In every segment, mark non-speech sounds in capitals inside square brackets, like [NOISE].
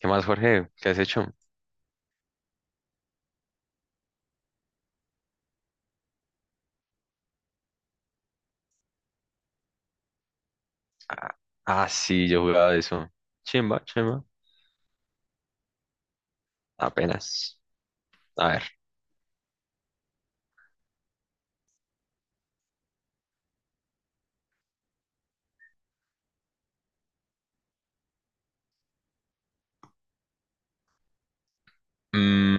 ¿Qué más, Jorge? ¿Qué has hecho? Ah, ah, sí, yo jugaba de eso. Chimba, chimba. Apenas. A ver. mm,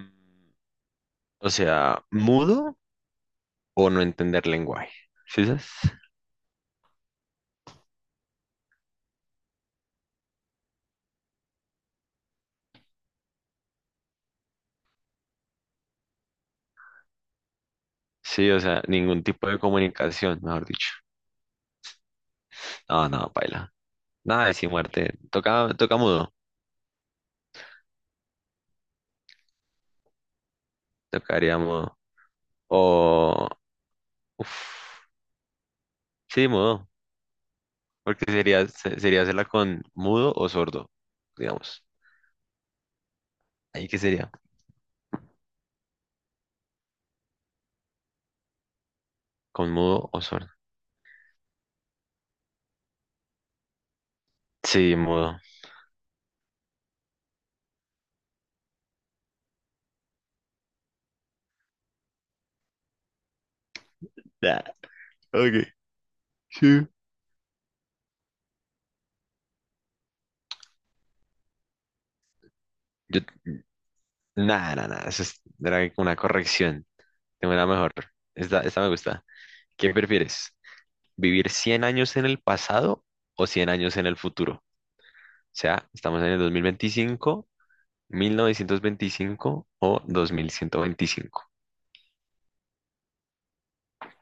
o sea, mudo o no entender lenguaje. ¿Sí sabes? Sí, o sea, ningún tipo de comunicación, mejor dicho. No, no, paila. Nada de sin muerte. Toca, toca mudo. Tocaría mudo. O. Uf, sí, mudo. Porque sería, sería hacerla con mudo o sordo, digamos. ¿Ahí qué sería? ¿Con mudo o sordo? Sí, mudo. [LAUGHS] Ok, sí. Yo, nada, nada, nada. Eso era una corrección. Tengo una mejor. Esta me gusta. ¿Qué prefieres? ¿Vivir 100 años en el pasado o 100 años en el futuro? O sea, estamos en el dos mil veinticinco, 1925 o 2125.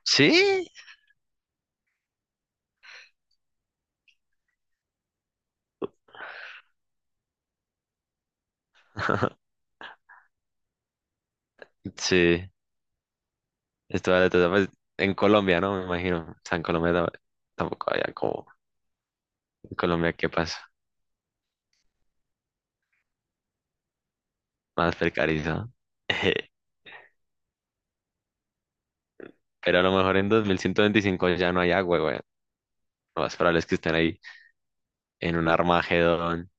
¿Sí? [LAUGHS] Sí. Esto vale todo, pues, en Colombia, ¿no? Me imagino. O sea, en Colombia tampoco había como... En Colombia, ¿qué pasa? Más precarizado. [LAUGHS] Pero a lo mejor en 2125 ya no hay agua, güey. Lo más probable es que estén ahí en un Armagedón.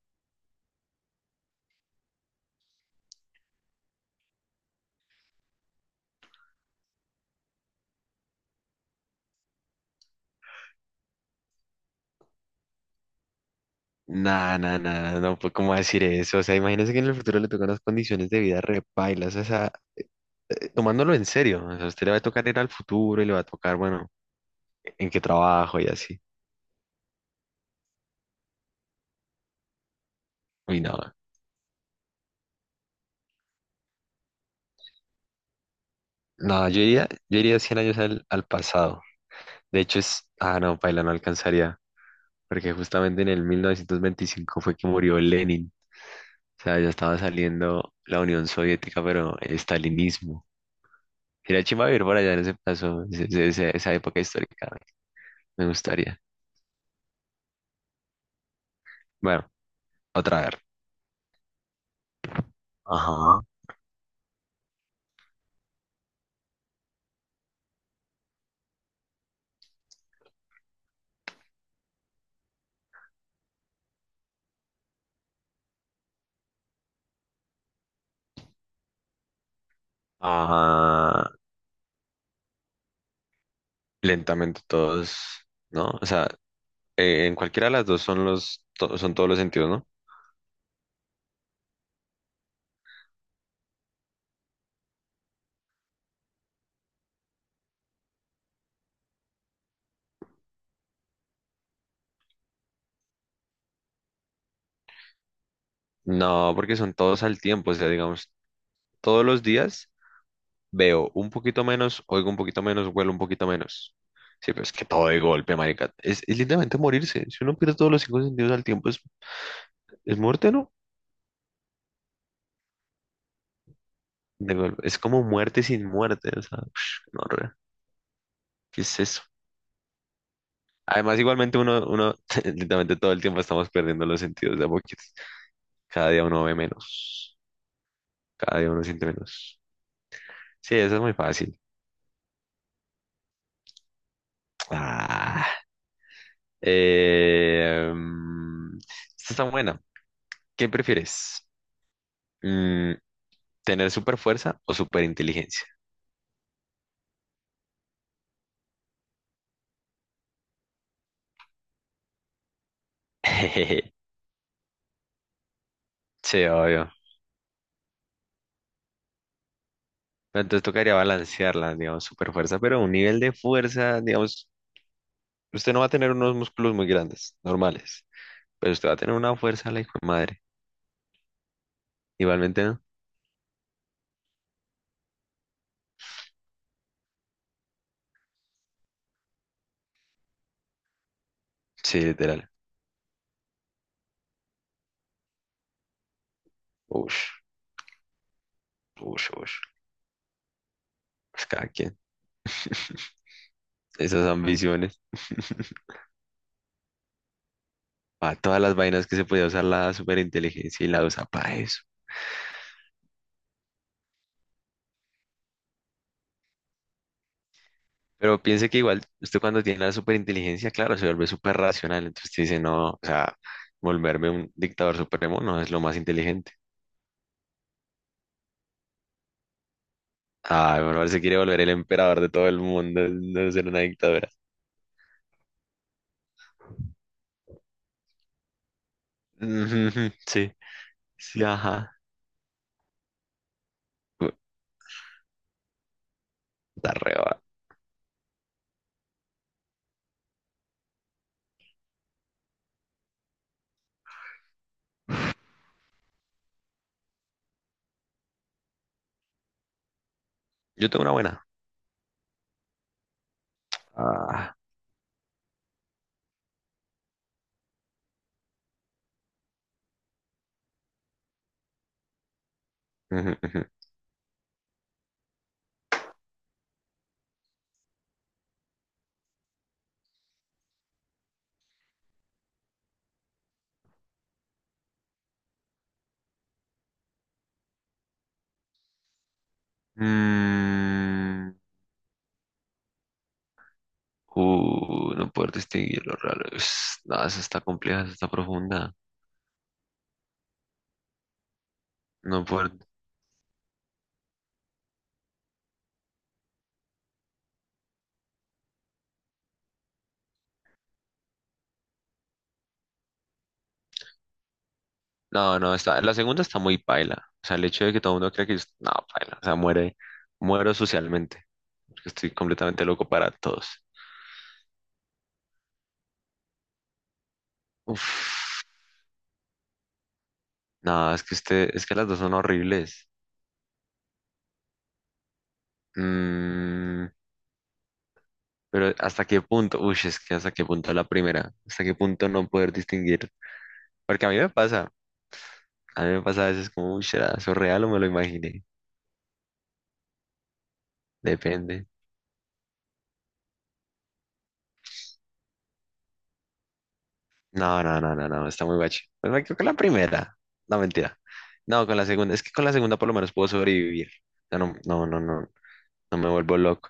Nah, nah, nah, nah, no puedo cómo decir eso. O sea, imagínese que en el futuro le tocan unas condiciones de vida repailas. O sea, tomándolo en serio. O sea, a usted le va a tocar ir al futuro y le va a tocar, bueno, en qué trabajo y así. Uy, no. No, yo iría 100 años al, al pasado. De hecho, es. Ah, no, paila, no alcanzaría. Porque justamente en el 1925 fue que murió Lenin. O sea, ya estaba saliendo la Unión Soviética, pero el estalinismo. Sería chimba vivir por allá en ese plazo, esa época histórica. Me gustaría. Bueno, otra vez. Ajá. Ajá. Lentamente todos, ¿no? O sea, en cualquiera de las dos son los, son todos los sentidos, ¿no? No, porque son todos al tiempo. O sea, digamos, todos los días veo un poquito menos, oigo un poquito menos, huelo un poquito menos. Sí, pero es que todo de golpe, marica. Es literalmente morirse. Si uno pierde todos los cinco sentidos al tiempo, es. ¿Es muerte, no? De golpe. Es como muerte sin muerte, o sea, [SNIFFS] no, re, ¿qué es eso? Además, igualmente uno, [LAUGHS] literalmente todo el tiempo estamos perdiendo los sentidos de a poquitos. Cada día uno ve menos, cada día uno siente menos. Sí, eso es muy fácil. Ah, eh, mm, esta está buena. ¿Qué prefieres? Mm, ¿Tener super fuerza o super inteligencia? [LAUGHS] Sí, obvio. Pero entonces tocaría balancearla, digamos, super fuerza, pero un nivel de fuerza, digamos, usted no va a tener unos músculos muy grandes, normales, pero usted va a tener una fuerza, la hijo de madre. Igualmente, ¿no? Sí, literal. Ush, ush, ush. Pues cada quien. [LAUGHS] Esas ambiciones. [LAUGHS] A todas las vainas que se podía usar la superinteligencia y la usa para eso. Pero piense que igual, usted cuando tiene la superinteligencia, claro, se vuelve súper racional. Entonces usted dice, no, o sea, volverme un dictador supremo no es lo más inteligente. Ah, me parece que quiere volver el emperador de todo el mundo, no ser una dictadura. [LAUGHS] Ujú, sí, sí, ajá. Uh, Está re va. Yo tengo una buena. Ah. Ujú, ujú. Mm, no poder distinguir los raros. No, esa está compleja, esa está profunda. No poder. No, no, está. La segunda está muy paila. O sea, el hecho de que todo el mundo cree que yo. No, paila. O sea, muere. Muero socialmente. Porque estoy completamente loco para todos. Uf. No, es que este, es que las dos son horribles. Mm, Pero ¿hasta qué punto? Uy, es que hasta qué punto la primera. ¿Hasta qué punto no poder distinguir? Porque a mí me pasa. A mí me pasa a veces como, uy, ¿será eso real o me lo imaginé? Depende. No, no, no, no, no, está muy bache. Pues me quedo con la primera. No, mentira. No, con la segunda. Es que con la segunda por lo menos puedo sobrevivir. O sea, no, no, no, no, no me vuelvo loco.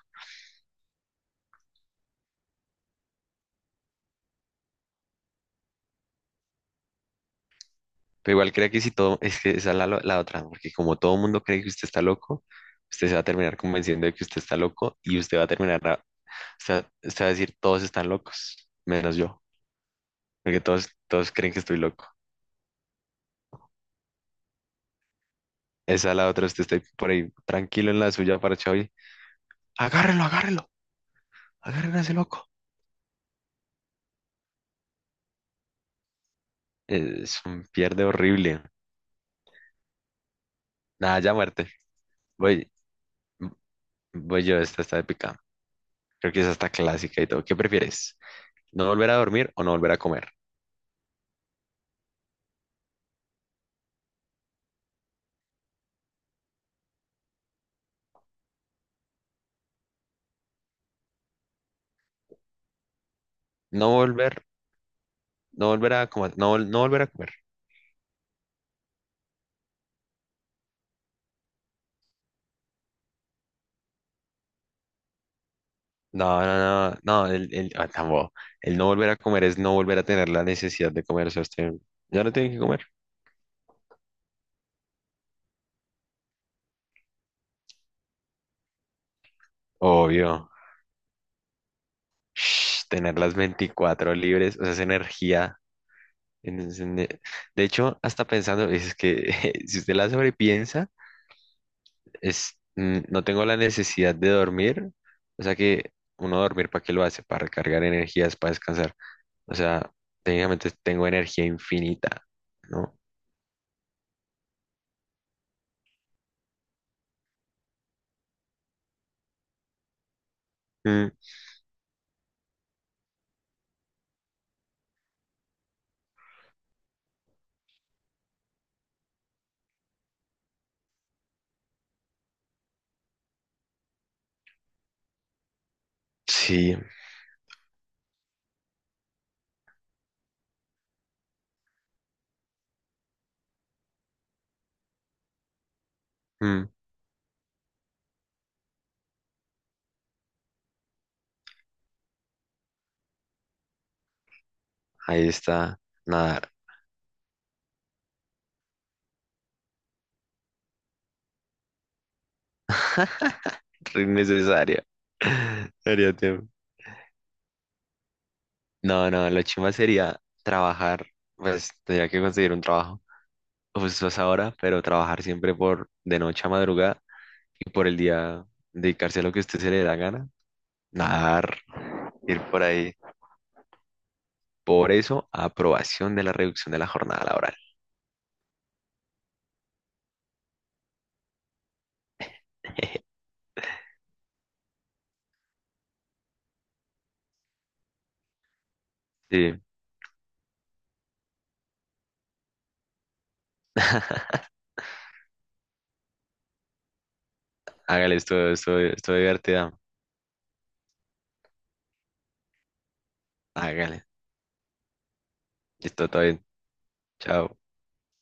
Pero igual creo que si todo, es que esa es la, la otra, porque como todo el mundo cree que usted está loco, usted se va a terminar convenciendo de que usted está loco y usted va a terminar, usted, usted va a decir, todos están locos, menos yo. Porque todos creen que estoy loco. Esa es la otra, usted está por ahí tranquilo en la suya para y agárrelo, agárrelo, agárrelo a ese loco. Es un pierde horrible. Nada, ya muerte. Voy, voy yo, esta está épica. Creo que esa está clásica y todo. ¿Qué prefieres? ¿No volver a dormir o no volver a comer? No volver, no volver a comer, no, no volver a comer. No, no, no, no, el, tampoco. El no volver a comer es no volver a tener la necesidad de comer. O sea, usted ya no tiene que comer. Obvio. Shh, tener las 24 libres, o sea, esa energía. en en e- De hecho, hasta pensando, es que [LAUGHS] si usted la sobrepiensa, es, no tengo la necesidad de dormir, o sea que uno dormir, ¿para qué lo hace? Para recargar energías, para descansar. O sea, técnicamente tengo energía infinita, ¿no? Mm, sí, mm, ahí está, nada, re innecesaria. [LAUGHS] Sería tiempo. No, no, lo chimba sería trabajar, pues tendría que conseguir un trabajo justo a esa hora, pero trabajar siempre por de noche a madrugada y por el día dedicarse a lo que a usted se le da gana, nadar, ir por ahí. Por eso, aprobación de la reducción de la jornada laboral. Sí, [LAUGHS] hágale esto divertida. Hágale. Esto todo bien. Chao.